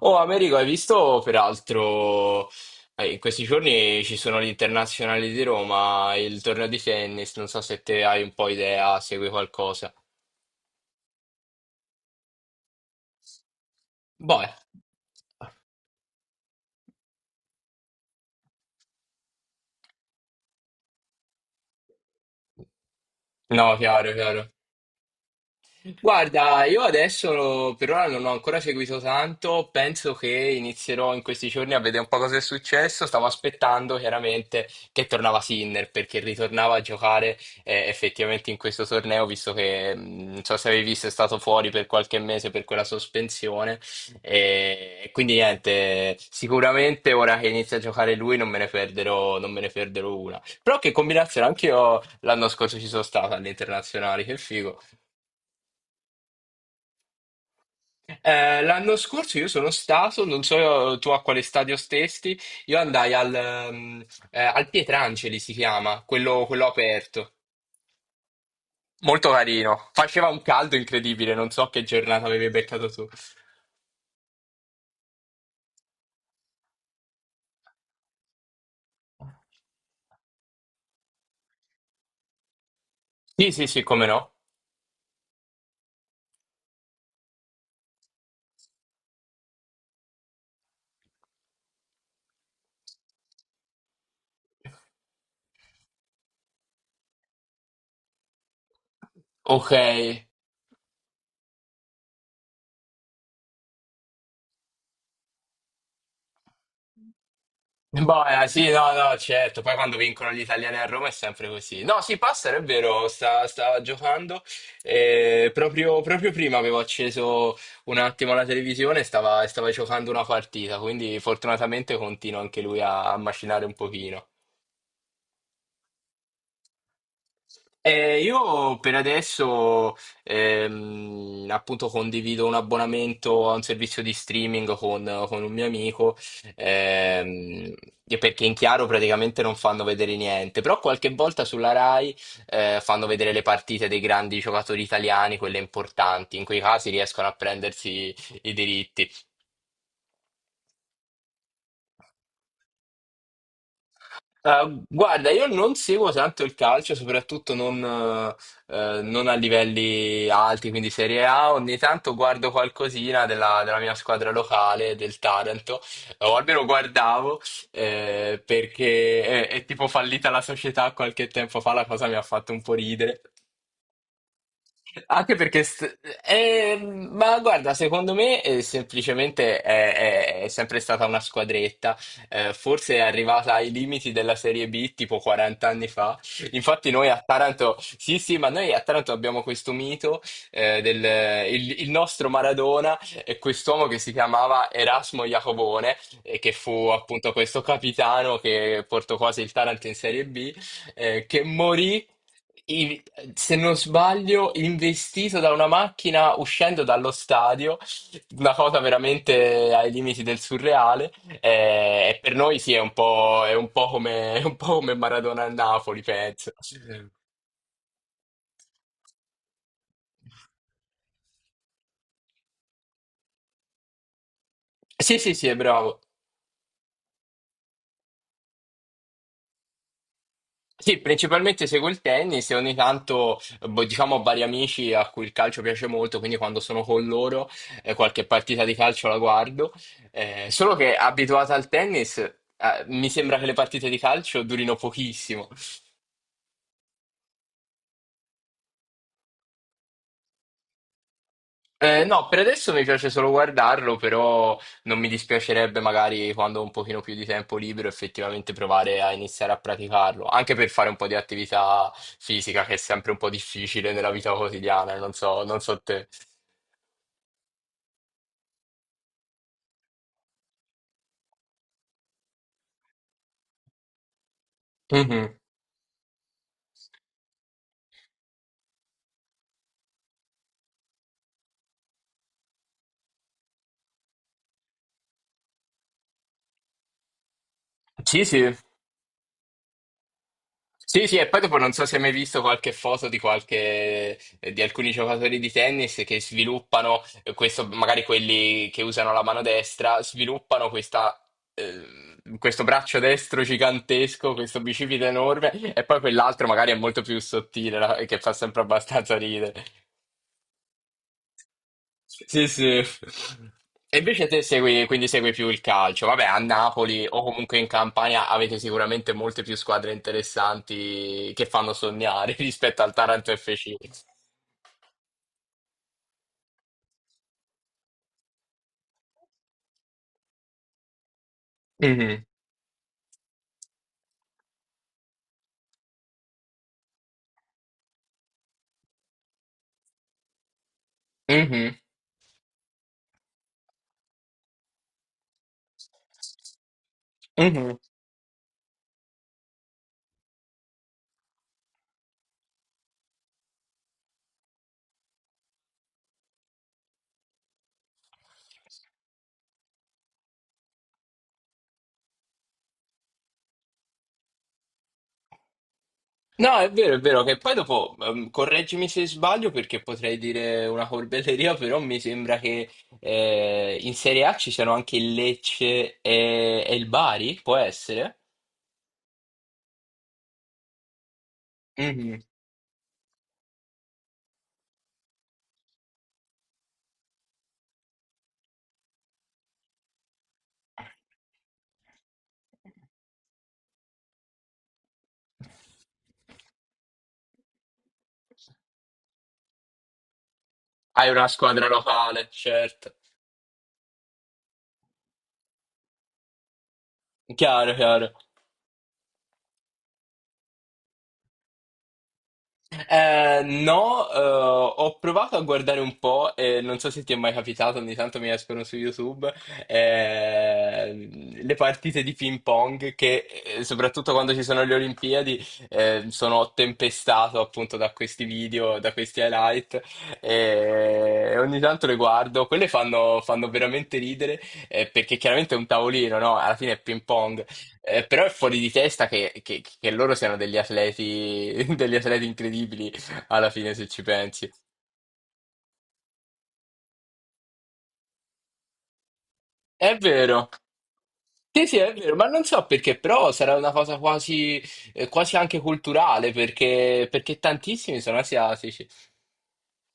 Oh, Americo, hai visto peraltro in questi giorni ci sono gli internazionali di Roma, il torneo di tennis, non so se te hai un po' idea, segui qualcosa. Boh, eh. No, chiaro, chiaro. Guarda, io adesso per ora non ho ancora seguito tanto, penso che inizierò in questi giorni a vedere un po' cosa è successo. Stavo aspettando chiaramente che tornava Sinner perché ritornava a giocare effettivamente in questo torneo, visto che non so se avevi visto è stato fuori per qualche mese per quella sospensione. E quindi niente, sicuramente ora che inizia a giocare lui non me ne perderò, non me ne perderò una. Però che combinazione, anche io l'anno scorso ci sono stato alle internazionali, che figo. L'anno scorso io sono stato, non so tu a quale stadio stesti, io andai al, al Pietrangeli, si chiama, quello aperto. Molto carino. Faceva un caldo incredibile, non so che giornata avevi beccato tu. Sì, sì, sì, come no. Ok. Boh, sì, no, no, certo. Poi quando vincono gli italiani a Roma è sempre così. No, sì, Passaro è vero, stava giocando. E proprio, proprio prima avevo acceso un attimo la televisione e stava, stava giocando una partita, quindi fortunatamente continua anche lui a, a macinare un pochino. Io per adesso appunto condivido un abbonamento a un servizio di streaming con un mio amico ehm, e perché in chiaro praticamente non fanno vedere niente, però qualche volta sulla Rai fanno vedere le partite dei grandi giocatori italiani, quelle importanti, in quei casi riescono a prendersi i diritti. Guarda, io non seguo tanto il calcio, soprattutto non, non a livelli alti, quindi Serie A. Ogni tanto guardo qualcosina della, della mia squadra locale, del Taranto, o almeno guardavo, perché è tipo fallita la società qualche tempo fa, la cosa mi ha fatto un po' ridere. Anche perché, ma guarda, secondo me semplicemente è, è sempre stata una squadretta, forse è arrivata ai limiti della Serie B tipo 40 anni fa. Infatti noi a Taranto, sì sì, ma noi a Taranto abbiamo questo mito del il nostro Maradona e quest'uomo che si chiamava Erasmo Iacobone e che fu appunto questo capitano che portò quasi il Taranto in Serie B, che morì i- se non sbaglio, investito da una macchina uscendo dallo stadio, una cosa veramente ai limiti del surreale. E, per noi sì, è un po' come, è un po' come Maradona a Napoli, penso. Sì, sì, sì, è bravo. Sì, principalmente seguo il tennis e ogni tanto, boh, diciamo, ho vari amici a cui il calcio piace molto, quindi quando sono con loro, qualche partita di calcio la guardo. Solo che abituata al tennis, mi sembra che le partite di calcio durino pochissimo. No, per adesso mi piace solo guardarlo, però non mi dispiacerebbe magari quando ho un pochino più di tempo libero effettivamente provare a iniziare a praticarlo, anche per fare un po' di attività fisica che è sempre un po' difficile nella vita quotidiana, non so, non so te. Mhm. Sì, sì. Sì, sì, e poi dopo non so se hai mai visto qualche foto di qualche, di alcuni giocatori di tennis che sviluppano questo, magari quelli che usano la mano destra, sviluppano questa, questo braccio destro gigantesco, questo bicipite enorme, e poi quell'altro magari è molto più sottile, no? E che fa sempre abbastanza ridere. Sì, sì. E invece te segui, quindi segui più il calcio. Vabbè, a Napoli o comunque in Campania avete sicuramente molte più squadre interessanti che fanno sognare rispetto al Taranto FC. Mhm, mhm, mhm. No, è vero che poi dopo, correggimi se sbaglio perché potrei dire una corbelleria, però mi sembra che in Serie A ci siano anche il Lecce e il Bari, può essere? Mhm. Hai una squadra locale, certo. Chiaro, chiaro. No, ho provato a guardare un po' e non so se ti è mai capitato, ogni tanto mi escono su YouTube eh, le partite di ping pong che, soprattutto quando ci sono le Olimpiadi, sono tempestato appunto da questi video, da questi highlight e ogni tanto le guardo. Quelle fanno, fanno veramente ridere perché chiaramente è un tavolino, no? Alla fine è ping pong. Però è fuori di testa che, che loro siano degli atleti, degli atleti incredibili alla fine, se ci pensi. È vero, sì, sì, è vero, ma non so perché, però sarà una cosa quasi, quasi anche culturale, perché, perché tantissimi sono asiatici.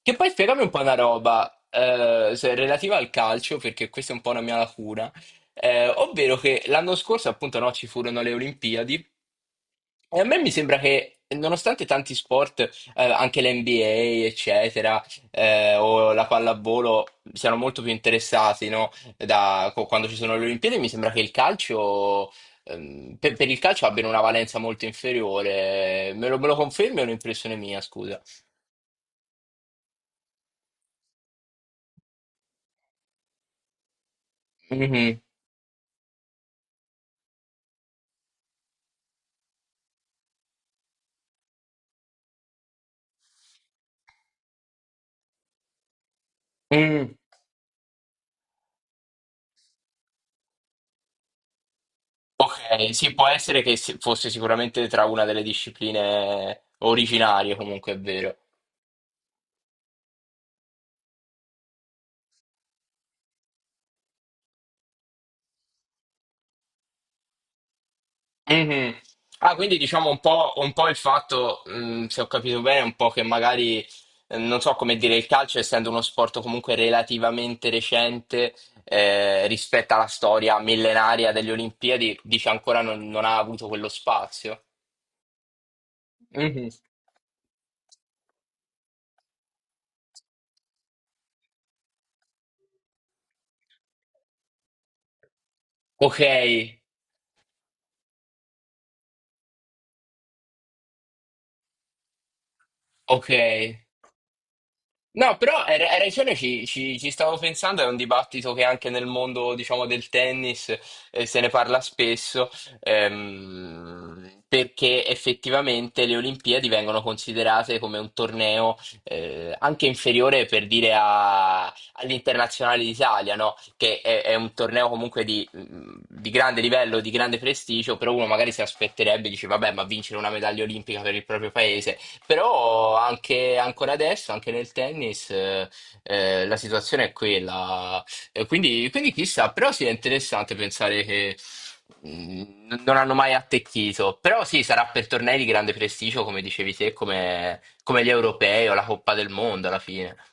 Che poi spiegami un po' una roba, relativa al calcio, perché questa è un po' una mia lacuna, ovvero che l'anno scorso, appunto, no, ci furono le Olimpiadi. E a me mi sembra che, nonostante tanti sport, anche l'NBA, eccetera, o la pallavolo, siano molto più interessati, no? Da, quando ci sono le Olimpiadi, mi sembra che il calcio, per il calcio abbiano una valenza molto inferiore. Me lo confermi o è un'impressione mia, scusa? Mhm. Mm. Ok, sì, può essere che fosse sicuramente tra una delle discipline originarie, comunque è vero. Mhm. Ah, quindi diciamo un po' il fatto, se ho capito bene, un po' che magari, non so come dire, il calcio, essendo uno sport comunque relativamente recente, rispetto alla storia millenaria delle Olimpiadi, dice ancora non, non ha avuto quello spazio. Mhm. Ok, ok. No, però hai ragione, ci, ci stavo pensando, è un dibattito che anche nel mondo, diciamo, del tennis se ne parla spesso, perché effettivamente le Olimpiadi vengono considerate come un torneo anche inferiore per dire all'Internazionale d'Italia, no? Che è un torneo comunque di, mm, di grande livello, di grande prestigio, però uno magari si aspetterebbe, dice, vabbè, ma vincere una medaglia olimpica per il proprio paese. Però anche ancora adesso, anche nel tennis, la situazione è quella. E quindi, quindi chissà, però sì, è interessante pensare che non hanno mai attecchito. Però sì, sarà per tornei di grande prestigio, come dicevi te, come, come gli europei o la Coppa del Mondo alla fine.